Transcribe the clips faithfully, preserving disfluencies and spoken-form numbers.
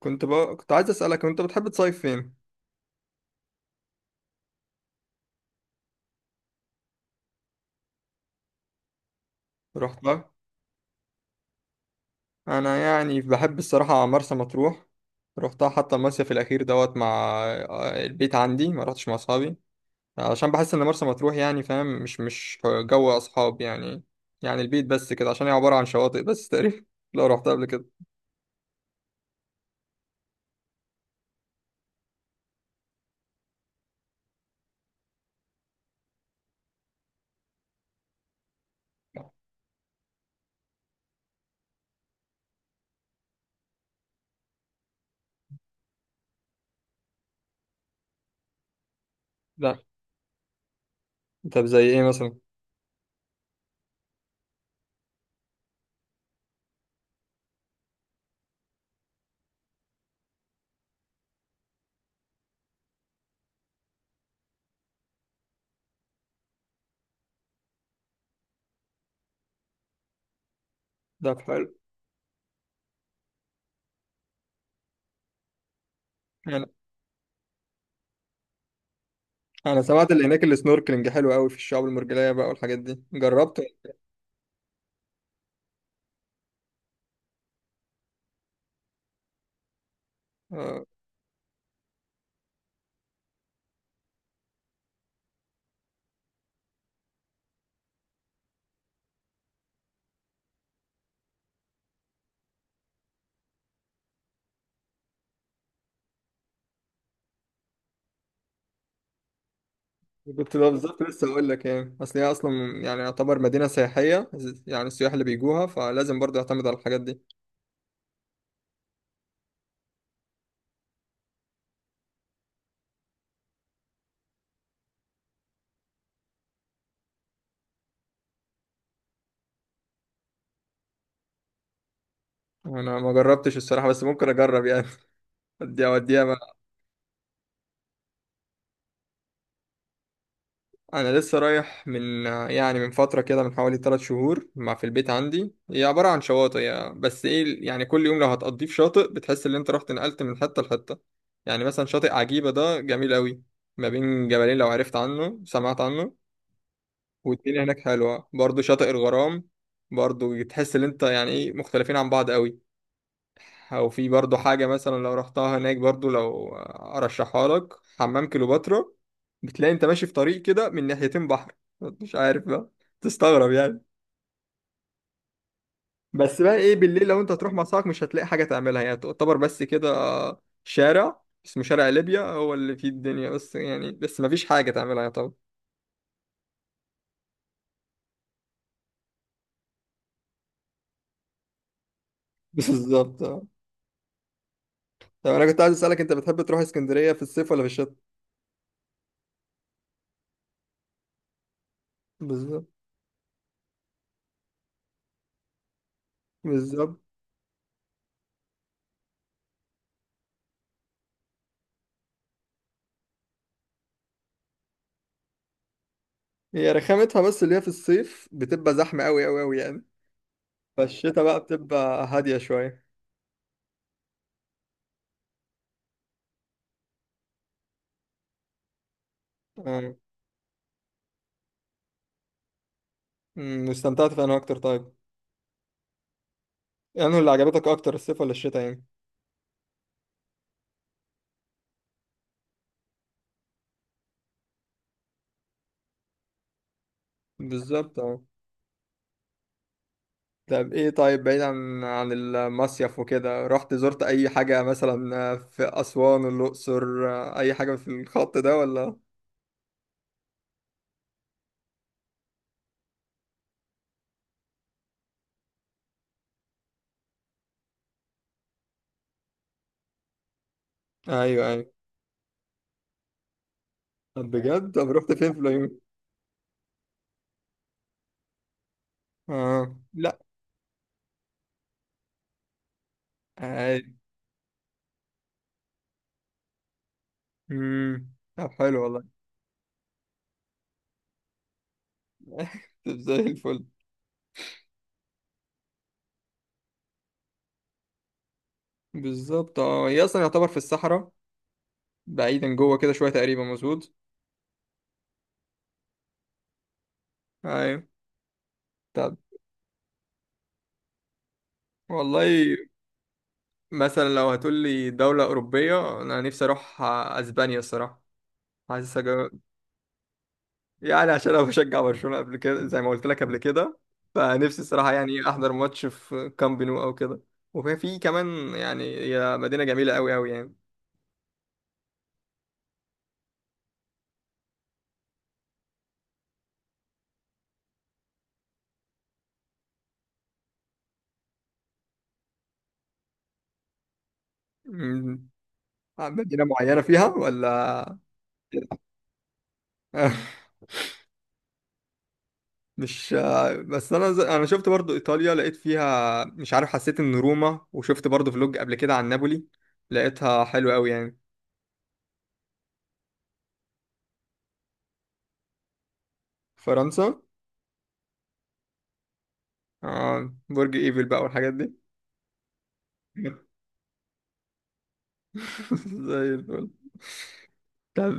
كنت بقى كنت عايز اسالك، انت بتحب تصيف فين؟ رحتها. انا يعني بحب الصراحه مرسى مطروح. رحتها حتى المصيف الاخير دوت مع آه، البيت عندي، ما رحتش مع اصحابي عشان بحس ان مرسى مطروح يعني فاهم، مش مش جو اصحاب يعني. يعني البيت بس كده، عشان هي عباره عن شواطئ بس تقريبا لو رحتها قبل كده. لا. طب زي ايه مثلا؟ ده حلو. انا انا سمعت اللي هناك السنوركلينج حلو قوي في الشعاب المرجانيه بقى والحاجات دي، جربت؟ كنت بقى بالظبط لسه هقول لك، يعني اصل هي اصلا يعني يعتبر مدينه سياحيه، يعني السياح اللي بيجوها فلازم برضه يعتمد على الحاجات دي. انا ما جربتش الصراحه، بس ممكن اجرب يعني. اديها وديها بقى. انا لسه رايح من يعني من فتره كده، من حوالي ثلاث شهور مع في البيت عندي. هي عباره عن شواطئ يعني، بس ايه يعني كل يوم لو هتقضيه في شاطئ بتحس ان انت رحت نقلت من حته لحته. يعني مثلا شاطئ عجيبه ده جميل قوي، ما بين جبلين، لو عرفت عنه سمعت عنه. والدنيا هناك حلوة برضو. شاطئ الغرام برضو تحس ان انت يعني ايه مختلفين عن بعض قوي. او في برضو حاجة مثلا لو رحتها هناك برضو لو ارشحها لك حمام كليوباترا، بتلاقي انت ماشي في طريق كده من ناحيتين بحر، مش عارف بقى، تستغرب يعني. بس بقى ايه، بالليل لو انت هتروح مع صاحبك مش هتلاقي حاجة تعملها يعني، تعتبر بس كده شارع اسمه شارع ليبيا هو اللي فيه الدنيا، بس يعني بس مفيش حاجة تعملها يعني طبعا. بالظبط اه. طب انا كنت عايز اسالك، انت بتحب تروح اسكندريه في الصيف ولا في الشتاء؟ بالظبط. بالظبط. هي رخامتها بس اللي هي في الصيف بتبقى زحمة أوي أوي أوي يعني. فالشتا بقى بتبقى هادية شوية. آه. أمم، واستمتعت في أنا أكتر طيب؟ يعني اللي عجبتك أكتر الصيف ولا الشتا يعني؟ بالظبط اه. طب إيه طيب، بعيد عن عن المصيف وكده، رحت زرت أي حاجة مثلا في أسوان الأقصر؟ أي حاجة في الخط ده ولا؟ أيوه أيوه. طب بجد طب رحت فين في العيون؟ آه لا. آه. أمم. طب حلو والله. طب زي الفل. بالظبط اه. هي اصلا يعتبر في الصحراء، بعيدا جوه كده شويه تقريبا مظبوط. ايوه. طب والله، مثلا لو هتقول لي دوله اوروبيه انا نفسي اروح اسبانيا الصراحه. حاسس أجو... يعني عشان انا بشجع برشلونه قبل كده زي ما قلت لك قبل كده، فنفسي الصراحه يعني احضر ماتش في كامب نو او كده. وفي في كمان، يعني هي مدينه جميله قوي قوي يعني. أمم، مدينه معينه فيها ولا؟ مش، بس انا ز... انا شفت برضو ايطاليا، لقيت فيها مش عارف، حسيت ان روما، وشفت برضو فلوج قبل كده عن نابولي، لقيتها حلوة قوي يعني. فرنسا. آه برج ايفل بقى والحاجات دي. زي الفل. طب.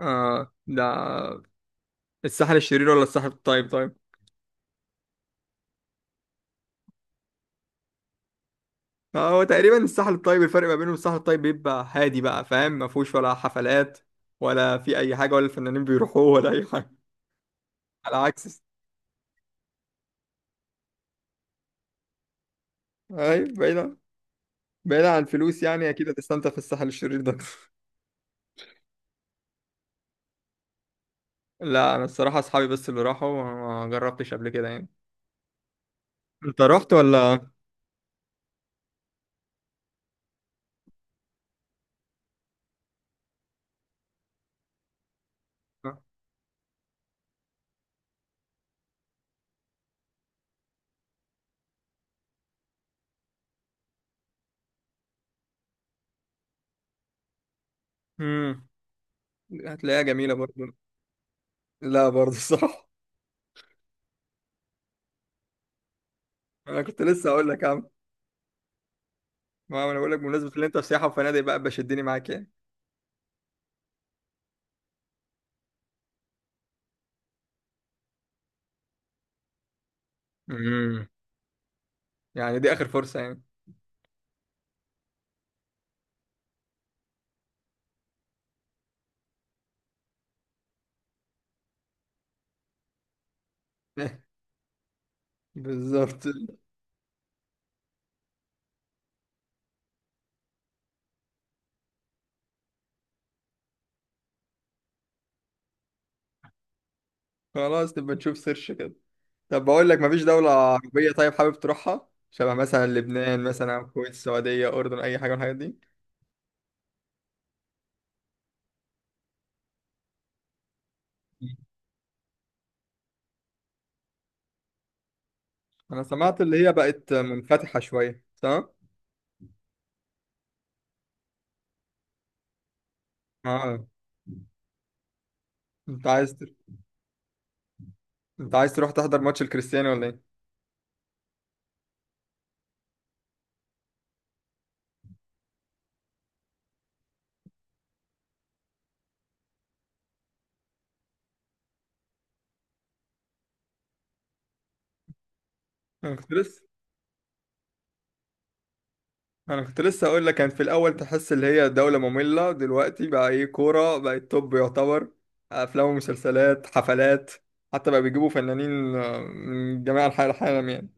آه ده. الساحل الشرير ولا الساحل الطيب طيب؟ آه، هو تقريبا الساحل الطيب، الفرق ما بينه وبين الساحل الطيب بيبقى هادي بقى فاهم، ما فيهوش ولا حفلات ولا في اي حاجة ولا الفنانين بيروحوه ولا اي حاجة. على عكس. ايوه. بعيد، بعيد عن الفلوس يعني اكيد هتستمتع في الساحل الشرير ده. لا انا الصراحه اصحابي بس اللي راحوا، ما جربتش قبل كده يعني. انت رحت ولا؟ امم هتلاقيها جميله برضه. لا برضه صح. انا كنت لسه اقول لك يا عم. ما انا بقول لك، بمناسبه ان انت في سياحه وفنادق بقى بشدني معاك يعني. امم يعني دي اخر فرصه يعني. بالظبط. خلاص نبقى نشوف سيرش كده. طب بقول لك، مفيش دوله عربيه طيب حابب تروحها، شبه مثلا لبنان مثلا، أو الكويت، السعوديه، اردن، اي حاجه من الحاجات دي؟ انا سمعت اللي هي بقت منفتحة شوية، تمام. اه. انت عايز تر... انت عايز تروح تحضر ماتش الكريستيانو ولا ايه؟ انا كنت لسه انا كنت لسه اقول لك، كان في الاول تحس اللي هي دولة مملة، دلوقتي بقى ايه كورة بقت توب يعتبر، افلام ومسلسلات، حفلات، حتى بقى بيجيبوا فنانين آه، من جميع انحاء العالم يعني.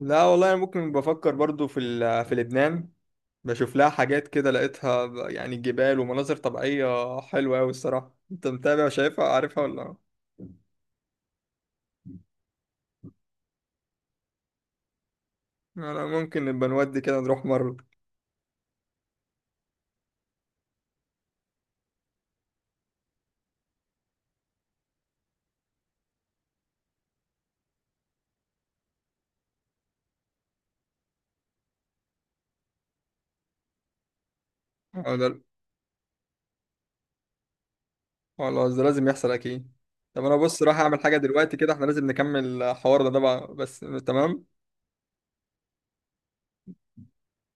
لا والله انا ممكن بفكر برضو في ال... في لبنان، بشوف لها حاجات كده لقيتها ب- يعني جبال ومناظر طبيعية حلوة أوي الصراحة. أنت متابع شايفها عارفها ولا؟ أنا ممكن نبقى نودي كده نروح مرة. أو ده. خلاص ده لازم يحصل أكيد. طب أنا بص راح أعمل حاجة دلوقتي كده، إحنا لازم نكمل حوارنا ده بقى بس. تمام.